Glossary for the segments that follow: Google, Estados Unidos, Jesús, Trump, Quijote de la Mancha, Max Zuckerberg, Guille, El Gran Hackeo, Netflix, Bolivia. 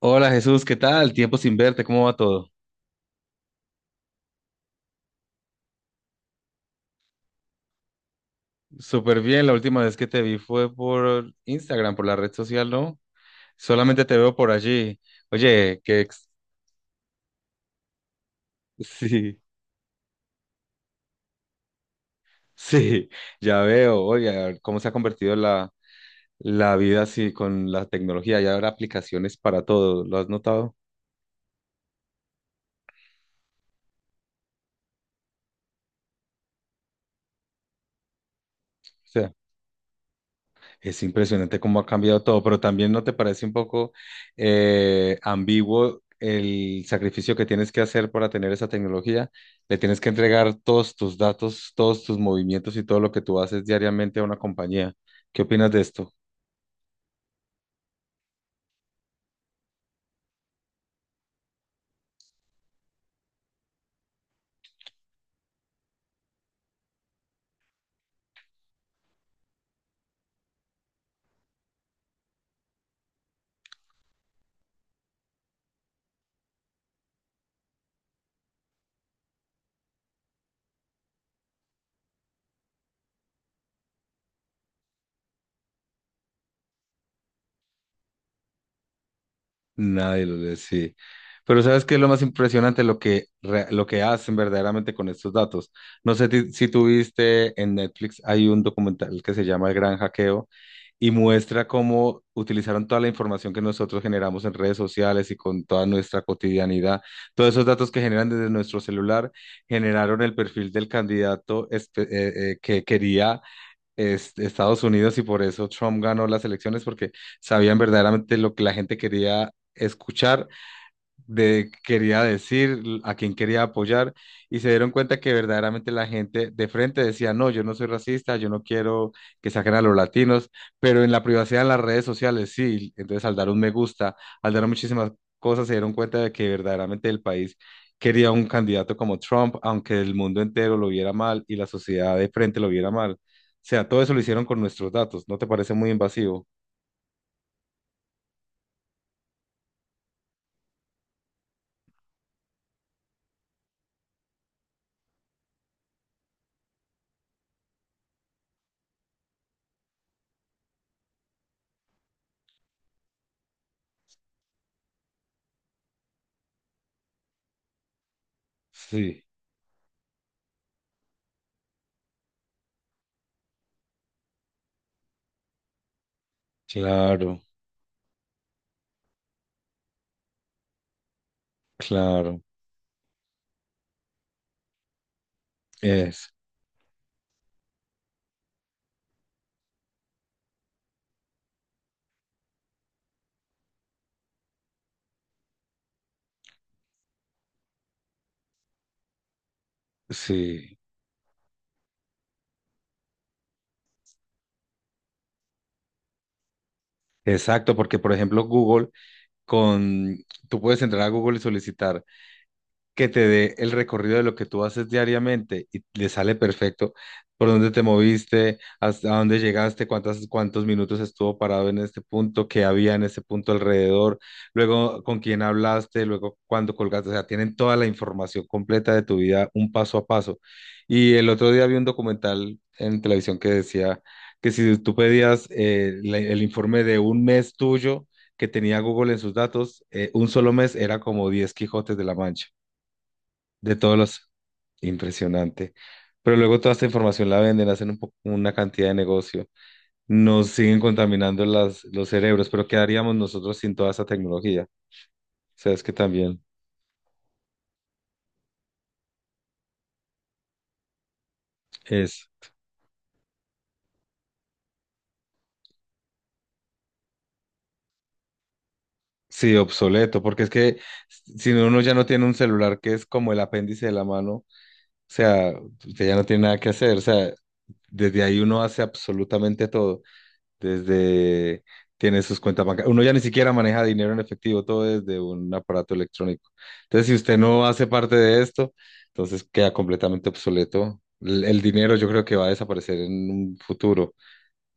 Hola Jesús, ¿qué tal? Tiempo sin verte, ¿cómo va todo? Súper bien, la última vez que te vi fue por Instagram, por la red social, ¿no? Solamente te veo por allí. Oye, ¿qué? Sí, sí, ya veo. Oye, cómo se ha convertido la vida así con la tecnología. Ya habrá aplicaciones para todo, ¿lo has notado? Es impresionante cómo ha cambiado todo, pero también ¿no te parece un poco ambiguo el sacrificio que tienes que hacer para tener esa tecnología? Le tienes que entregar todos tus datos, todos tus movimientos y todo lo que tú haces diariamente a una compañía. ¿Qué opinas de esto? Nadie lo lee, sí. Pero ¿sabes qué es lo más impresionante? Lo que hacen verdaderamente con estos datos. Si tú viste en Netflix, hay un documental que se llama El Gran Hackeo y muestra cómo utilizaron toda la información que nosotros generamos en redes sociales y con toda nuestra cotidianidad. Todos esos datos que generan desde nuestro celular generaron el perfil del que quería Estados Unidos, y por eso Trump ganó las elecciones porque sabían verdaderamente lo que la gente quería escuchar, de qué quería decir, a quién quería apoyar, y se dieron cuenta que verdaderamente la gente de frente decía: no, yo no soy racista, yo no quiero que saquen a los latinos, pero en la privacidad en las redes sociales sí. Entonces al dar un me gusta, al dar muchísimas cosas, se dieron cuenta de que verdaderamente el país quería un candidato como Trump, aunque el mundo entero lo viera mal y la sociedad de frente lo viera mal. O sea, todo eso lo hicieron con nuestros datos, ¿no te parece muy invasivo? Sí, claro, claro, es, sí. Exacto, porque por ejemplo Google, con, tú puedes entrar a Google y solicitar que te dé el recorrido de lo que tú haces diariamente y le sale perfecto por dónde te moviste, hasta dónde llegaste, cuántos minutos estuvo parado en este punto, qué había en ese punto alrededor, luego con quién hablaste, luego cuándo colgaste. O sea, tienen toda la información completa de tu vida, un paso a paso. Y el otro día vi un documental en televisión que decía que si tú pedías el informe de un mes tuyo, que tenía Google en sus datos, un solo mes era como 10 Quijotes de la Mancha. De todos los... Impresionante. Pero luego toda esta información la venden, una cantidad de negocio, nos siguen contaminando los cerebros, pero ¿qué haríamos nosotros sin toda esa tecnología? O sea, es que también es, sí, obsoleto, porque es que si no, uno ya no tiene un celular que es como el apéndice de la mano, o sea, usted ya no tiene nada que hacer, o sea, desde ahí uno hace absolutamente todo. Desde, tiene sus cuentas bancarias. Uno ya ni siquiera maneja dinero en efectivo, todo desde un aparato electrónico. Entonces, si usted no hace parte de esto, entonces queda completamente obsoleto. El dinero yo creo que va a desaparecer en un futuro,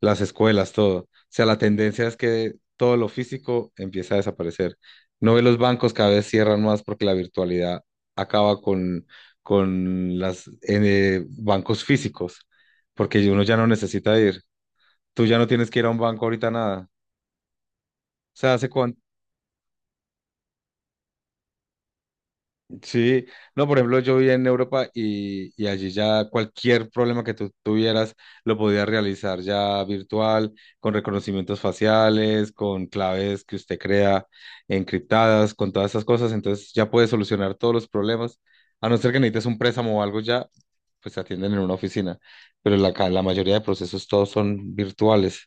las escuelas, todo. O sea, la tendencia es que todo lo físico empieza a desaparecer. No ve los bancos cada vez cierran más porque la virtualidad acaba con los bancos físicos, porque uno ya no necesita ir. Tú ya no tienes que ir a un banco ahorita nada. O sea, hace cuánto. Sí, no, por ejemplo, yo vivía en Europa y allí ya cualquier problema que tú tuvieras lo podías realizar ya virtual, con reconocimientos faciales, con claves que usted crea encriptadas, con todas esas cosas. Entonces ya puedes solucionar todos los problemas. A no ser que necesites un préstamo o algo ya, pues se atienden en una oficina. Pero la mayoría de procesos todos son virtuales.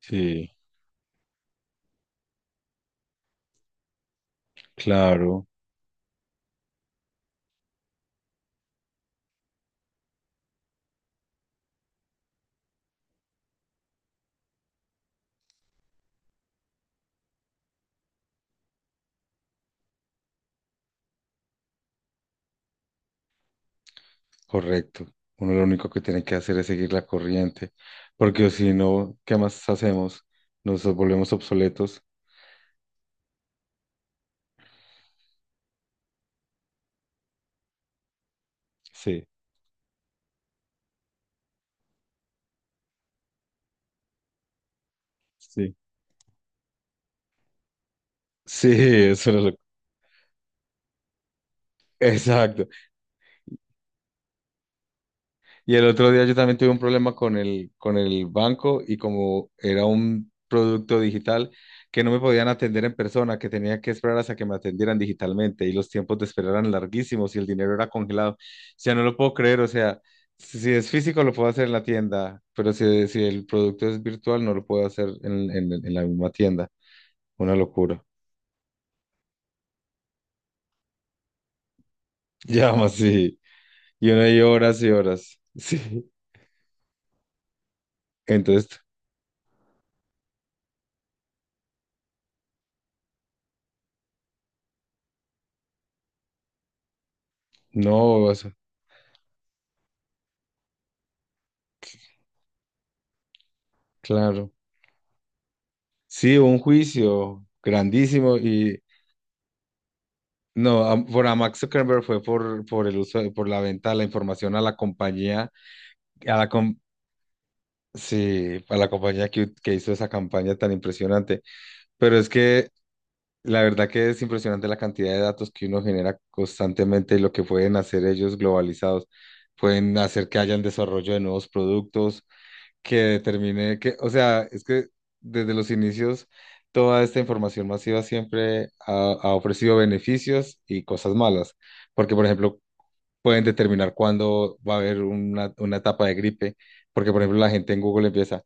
Sí, claro. Correcto. Uno lo único que tiene que hacer es seguir la corriente, porque si no, ¿qué más hacemos? Nos volvemos obsoletos. Sí, sí. Sí, eso es lo- Exacto. Y el otro día yo también tuve un problema con el banco, y como era un producto digital que no me podían atender en persona, que tenía que esperar hasta que me atendieran digitalmente y los tiempos de esperar eran larguísimos y el dinero era congelado. O sea, no lo puedo creer, o sea, si es físico lo puedo hacer en la tienda, pero si el producto es virtual no lo puedo hacer en la misma tienda. Una locura. Llama, sí. Y uno hay horas y horas. Sí. Entonces, no, o sea, claro. Sí, un juicio grandísimo y no, por a Max Zuckerberg fue por el uso, por la venta de la información a la compañía, a la com- sí, a la compañía que hizo esa campaña tan impresionante. Pero es que la verdad que es impresionante la cantidad de datos que uno genera constantemente y lo que pueden hacer ellos globalizados. Pueden hacer que hayan desarrollo de nuevos productos, que determine que, o sea, es que desde los inicios toda esta información masiva siempre ha, ha ofrecido beneficios y cosas malas, porque por ejemplo pueden determinar cuándo va a haber una etapa de gripe, porque por ejemplo la gente en Google empieza,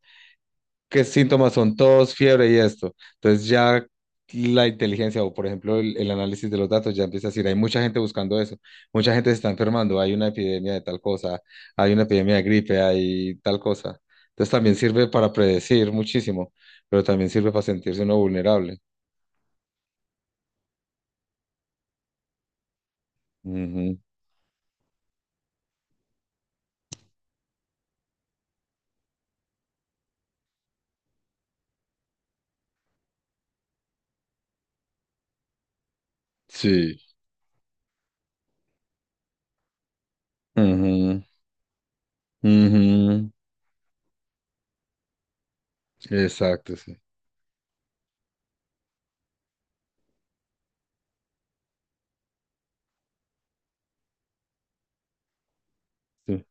qué síntomas son tos, fiebre y esto. Entonces ya la inteligencia o, por ejemplo, el análisis de los datos ya empieza a decir, hay mucha gente buscando eso, mucha gente se está enfermando, hay una epidemia de tal cosa, hay una epidemia de gripe, hay tal cosa. Entonces también sirve para predecir muchísimo, pero también sirve para sentirse uno vulnerable. Ujú. Sí, ujú, ujú. Exacto, sí. Sí.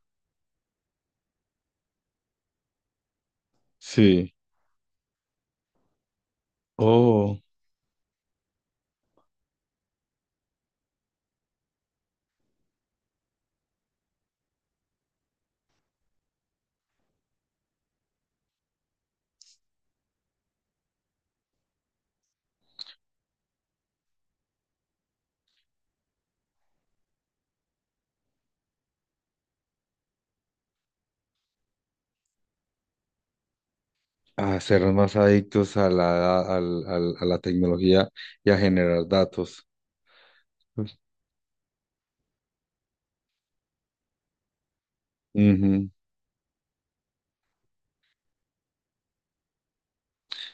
Sí. Oh. A ser más adictos a a la tecnología y a generar datos. Ujú.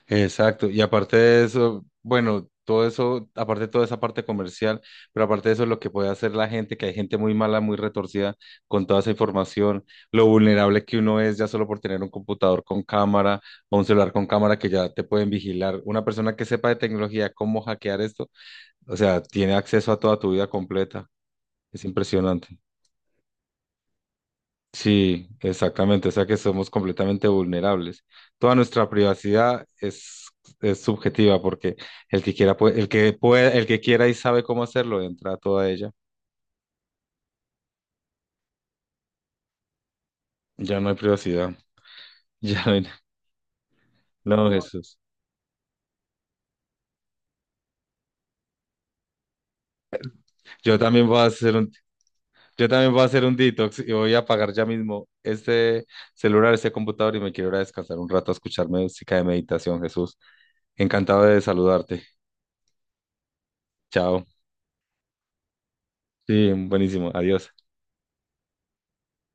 Exacto. Y aparte de eso, bueno, todo eso, aparte de toda esa parte comercial, pero aparte de eso, lo que puede hacer la gente, que hay gente muy mala, muy retorcida con toda esa información, lo vulnerable que uno es ya solo por tener un computador con cámara o un celular con cámara que ya te pueden vigilar. Una persona que sepa de tecnología, cómo hackear esto, o sea, tiene acceso a toda tu vida completa. Es impresionante. Sí, exactamente, o sea que somos completamente vulnerables. Toda nuestra privacidad es subjetiva porque el que quiera puede, el que quiera y sabe cómo hacerlo, entra a toda ella. Ya no hay privacidad. Ya no hay na- No, Jesús. Yo también voy a hacer un, yo también voy a hacer un detox y voy a apagar ya mismo este celular, este computador y me quiero ir a descansar un rato a escuchar música de meditación, Jesús. Encantado de saludarte. Chao. Sí, buenísimo. Adiós.